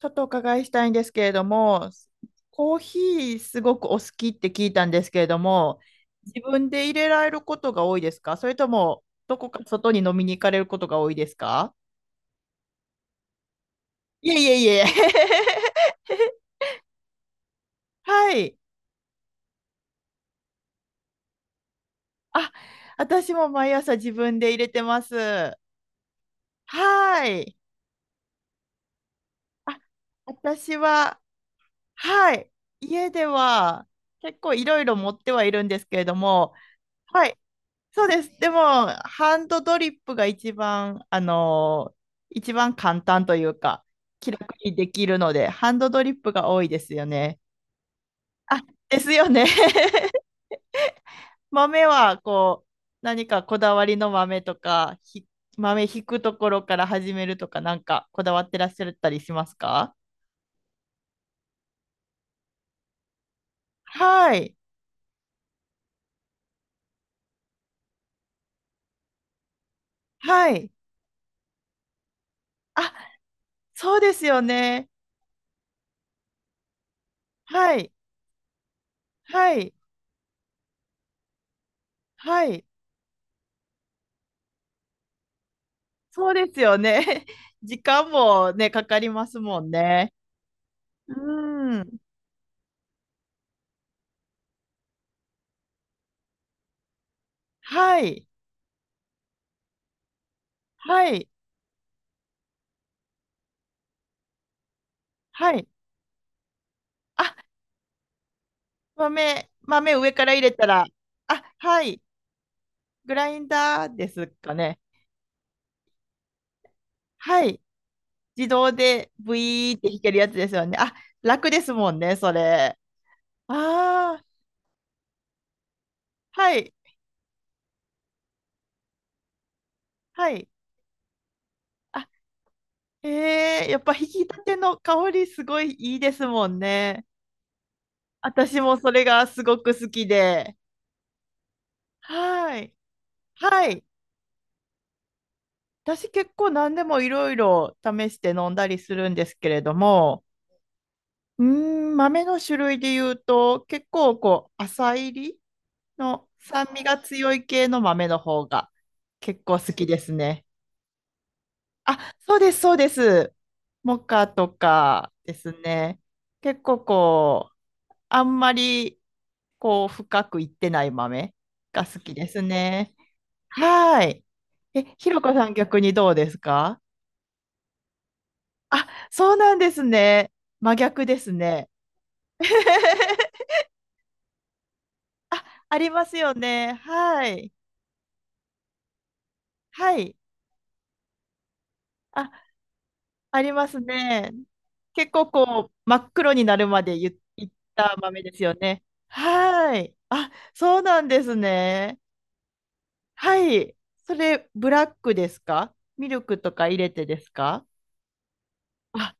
ちょっとお伺いしたいんですけれども、コーヒーすごくお好きって聞いたんですけれども、自分で入れられることが多いですか、それとも、どこか外に飲みに行かれることが多いですか？いえいえいえ。はい。あ、私も毎朝自分で入れてます。はい。あ、私は、はい。家では結構いろいろ持ってはいるんですけれども、はい。そうです。でも、ハンドドリップが一番、あのー一番簡単というか、気楽にできるので、ハンドドリップが多いですよね。あ、ですよね。豆は、こう、何かこだわりの豆とか、豆ひくところから始めるとか、なんかこだわってらっしゃったりしますか？はい。はい。あ、そうですよね。はい。はい。はい。そうですよね。時間もね、かかりますもんね。うーん。はい。はい。はい。あ、豆上から入れたら、あ、はい。グラインダーですかね。はい。自動でブイーって弾けるやつですよね。あ、楽ですもんね、それ。ああ、はい。はい。あ、へえ、やっぱ引き立ての香りすごいいいですもんね。私もそれがすごく好きで。はい。はい。私結構何でもいろいろ試して飲んだりするんですけれども、豆の種類で言うと、結構こう、浅入りの酸味が強い系の豆の方が結構好きですね。あ、そうです、そうです。モカとかですね。結構こう、あんまりこう、深くいってない豆が好きですね。はい。え、ひろこさん逆にどうですか？あ、そうなんですね。真逆ですね。あ、ありますよね。はい。はい。あ、ありますね。結構こう、真っ黒になるまでいった豆ですよね。はい。あ、そうなんですね。はい。それ、ブラックですか？ミルクとか入れてですか？あ、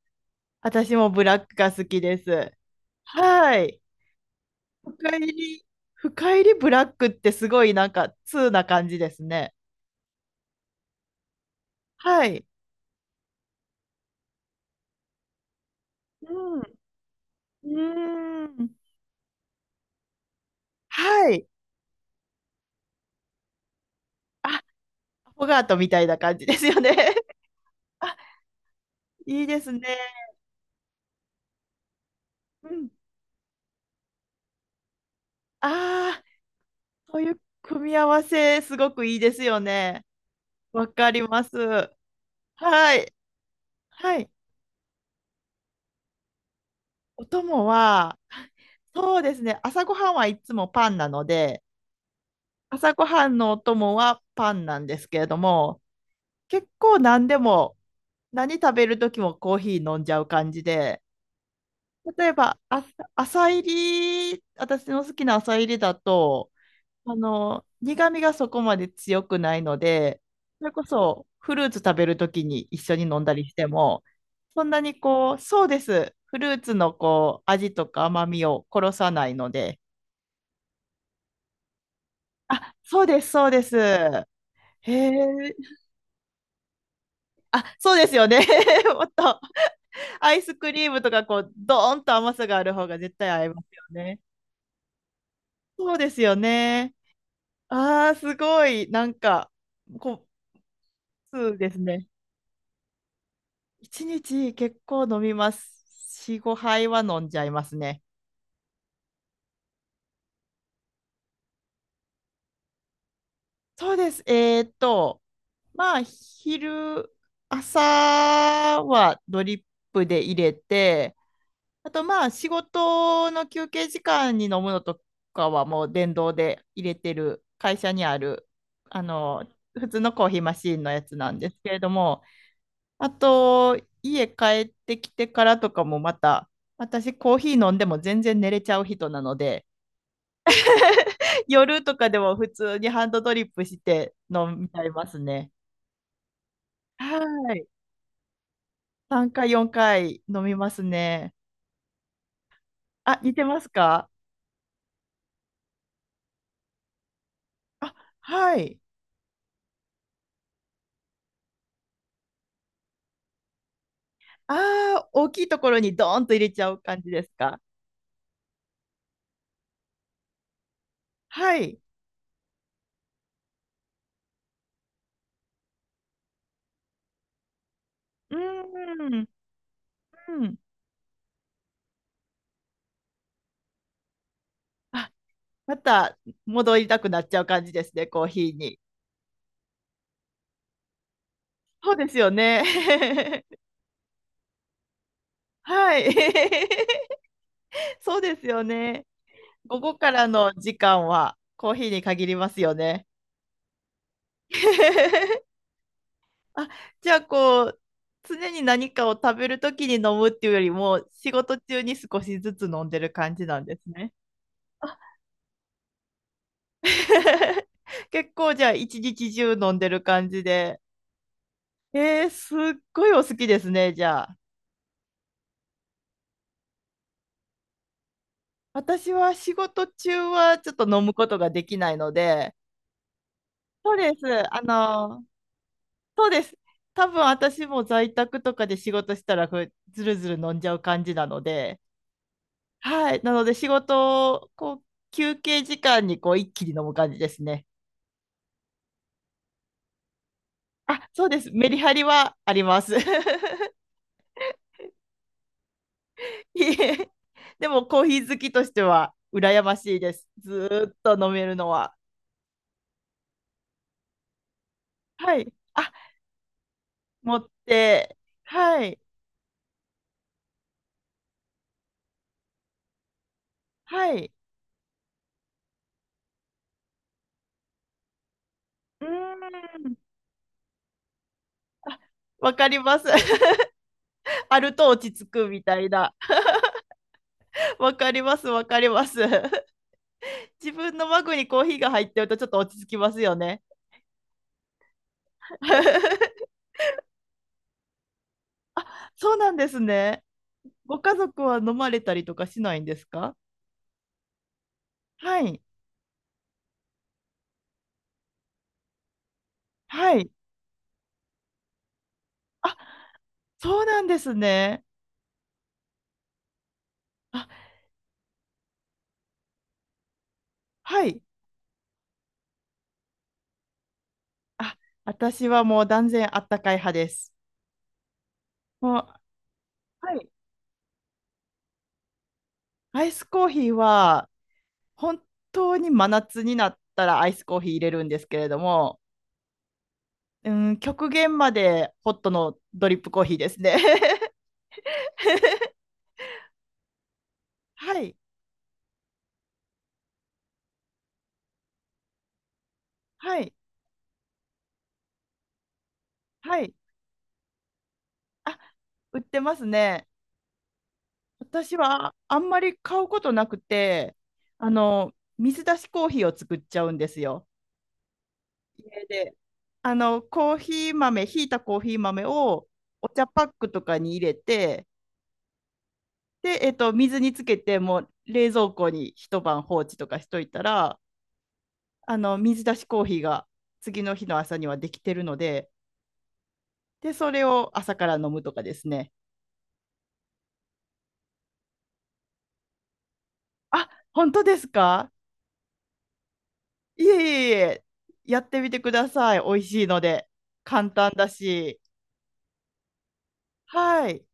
私もブラックが好きです。はい。深入り、深入りブラックってすごいなんか、通な感じですね。はい。うん。うーん。はい。あ、アフォガートみたいな感じですよね。あ、いいですね。うん。ああ、そういう組み合わせ、すごくいいですよね。わかります。はい。はい。お供は、そうですね。朝ごはんはいつもパンなので、朝ごはんのお供はパンなんですけれども、結構何でも、何食べる時もコーヒー飲んじゃう感じで、例えば、あ、浅入り、私の好きな浅入りだと、あの、苦味がそこまで強くないので、それこそフルーツ食べるときに一緒に飲んだりしても、そんなにこう、そうです。フルーツのこう、味とか甘みを殺さないので、あ、そうです、そうです。へえ、あ、そうですよね。もっと、アイスクリームとかこう、ドーンと甘さがある方が絶対合いますよね。そうですよね。ああ、すごい。なんか、こう、そうですね。一日結構飲みます。4、5杯は飲んじゃいますね。そうです。まあ、朝はドリップで入れて、あとまあ、仕事の休憩時間に飲むのとかはもう電動で入れてる、会社にある、あの、普通のコーヒーマシーンのやつなんですけれども、あと、家帰ってきてからとかもまた、私コーヒー飲んでも全然寝れちゃう人なので、夜とかでも普通にハンドドリップして飲みちゃいますね。はい。3回、4回飲みますね。あ、似てますか？あ、はい。ああ、大きいところにドーンと入れちゃう感じですか？はい。うーん。うん。あ、また戻りたくなっちゃう感じですね、コーヒーに。そうですよね。はい。そうですよね。午後からの時間はコーヒーに限りますよね。あ、じゃあこう、常に何かを食べるときに飲むっていうよりも、仕事中に少しずつ飲んでる感じなんですね。結構じゃあ一日中飲んでる感じで。えー、すっごいお好きですね、じゃあ。私は仕事中はちょっと飲むことができないので、そうです。あの、そうです。多分私も在宅とかで仕事したらずるずる飲んじゃう感じなので、はい。なので仕事をこう休憩時間にこう一気に飲む感じですね。あ、そうです。メリハリはあります。いえ、でもコーヒー好きとしては羨ましいです。ずーっと飲めるのは。はい。あ、持って。はい。はい。うーん。わかります。あると落ち着くみたいな。わかります。わかります。自分のマグにコーヒーが入ってるとちょっと落ち着きますよね。そうなんですね。ご家族は飲まれたりとかしないんですか？はい。はい。あ、そうなんですね。あ、はい。あ、私はもう断然あったかい派です。もう、はい。アイスコーヒーは本当に真夏になったらアイスコーヒー入れるんですけれども、うん、極限までホットのドリップコーヒーですね。はい。はい。はい。あ、売ってますね。私はあんまり買うことなくて、あの、水出しコーヒーを作っちゃうんですよ。家で。あの、コーヒー豆、ひいたコーヒー豆をお茶パックとかに入れて、で、水につけて、もう冷蔵庫に一晩放置とかしといたら、あの、水出しコーヒーが次の日の朝にはできてるので、で、それを朝から飲むとかですね。あ、本当ですか？いえいえいえ、やってみてください。美味しいので。簡単だし。はい。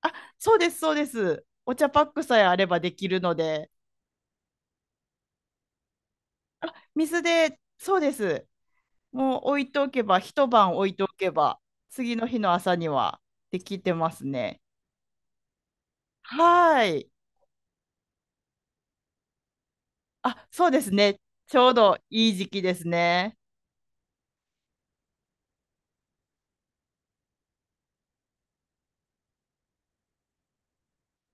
あ、そうです、そうです。お茶パックさえあればできるので。水で、そうです。もう置いておけば、一晩置いておけば、次の日の朝にはできてますね。はい。あ、そうですね。ちょうどいい時期ですね。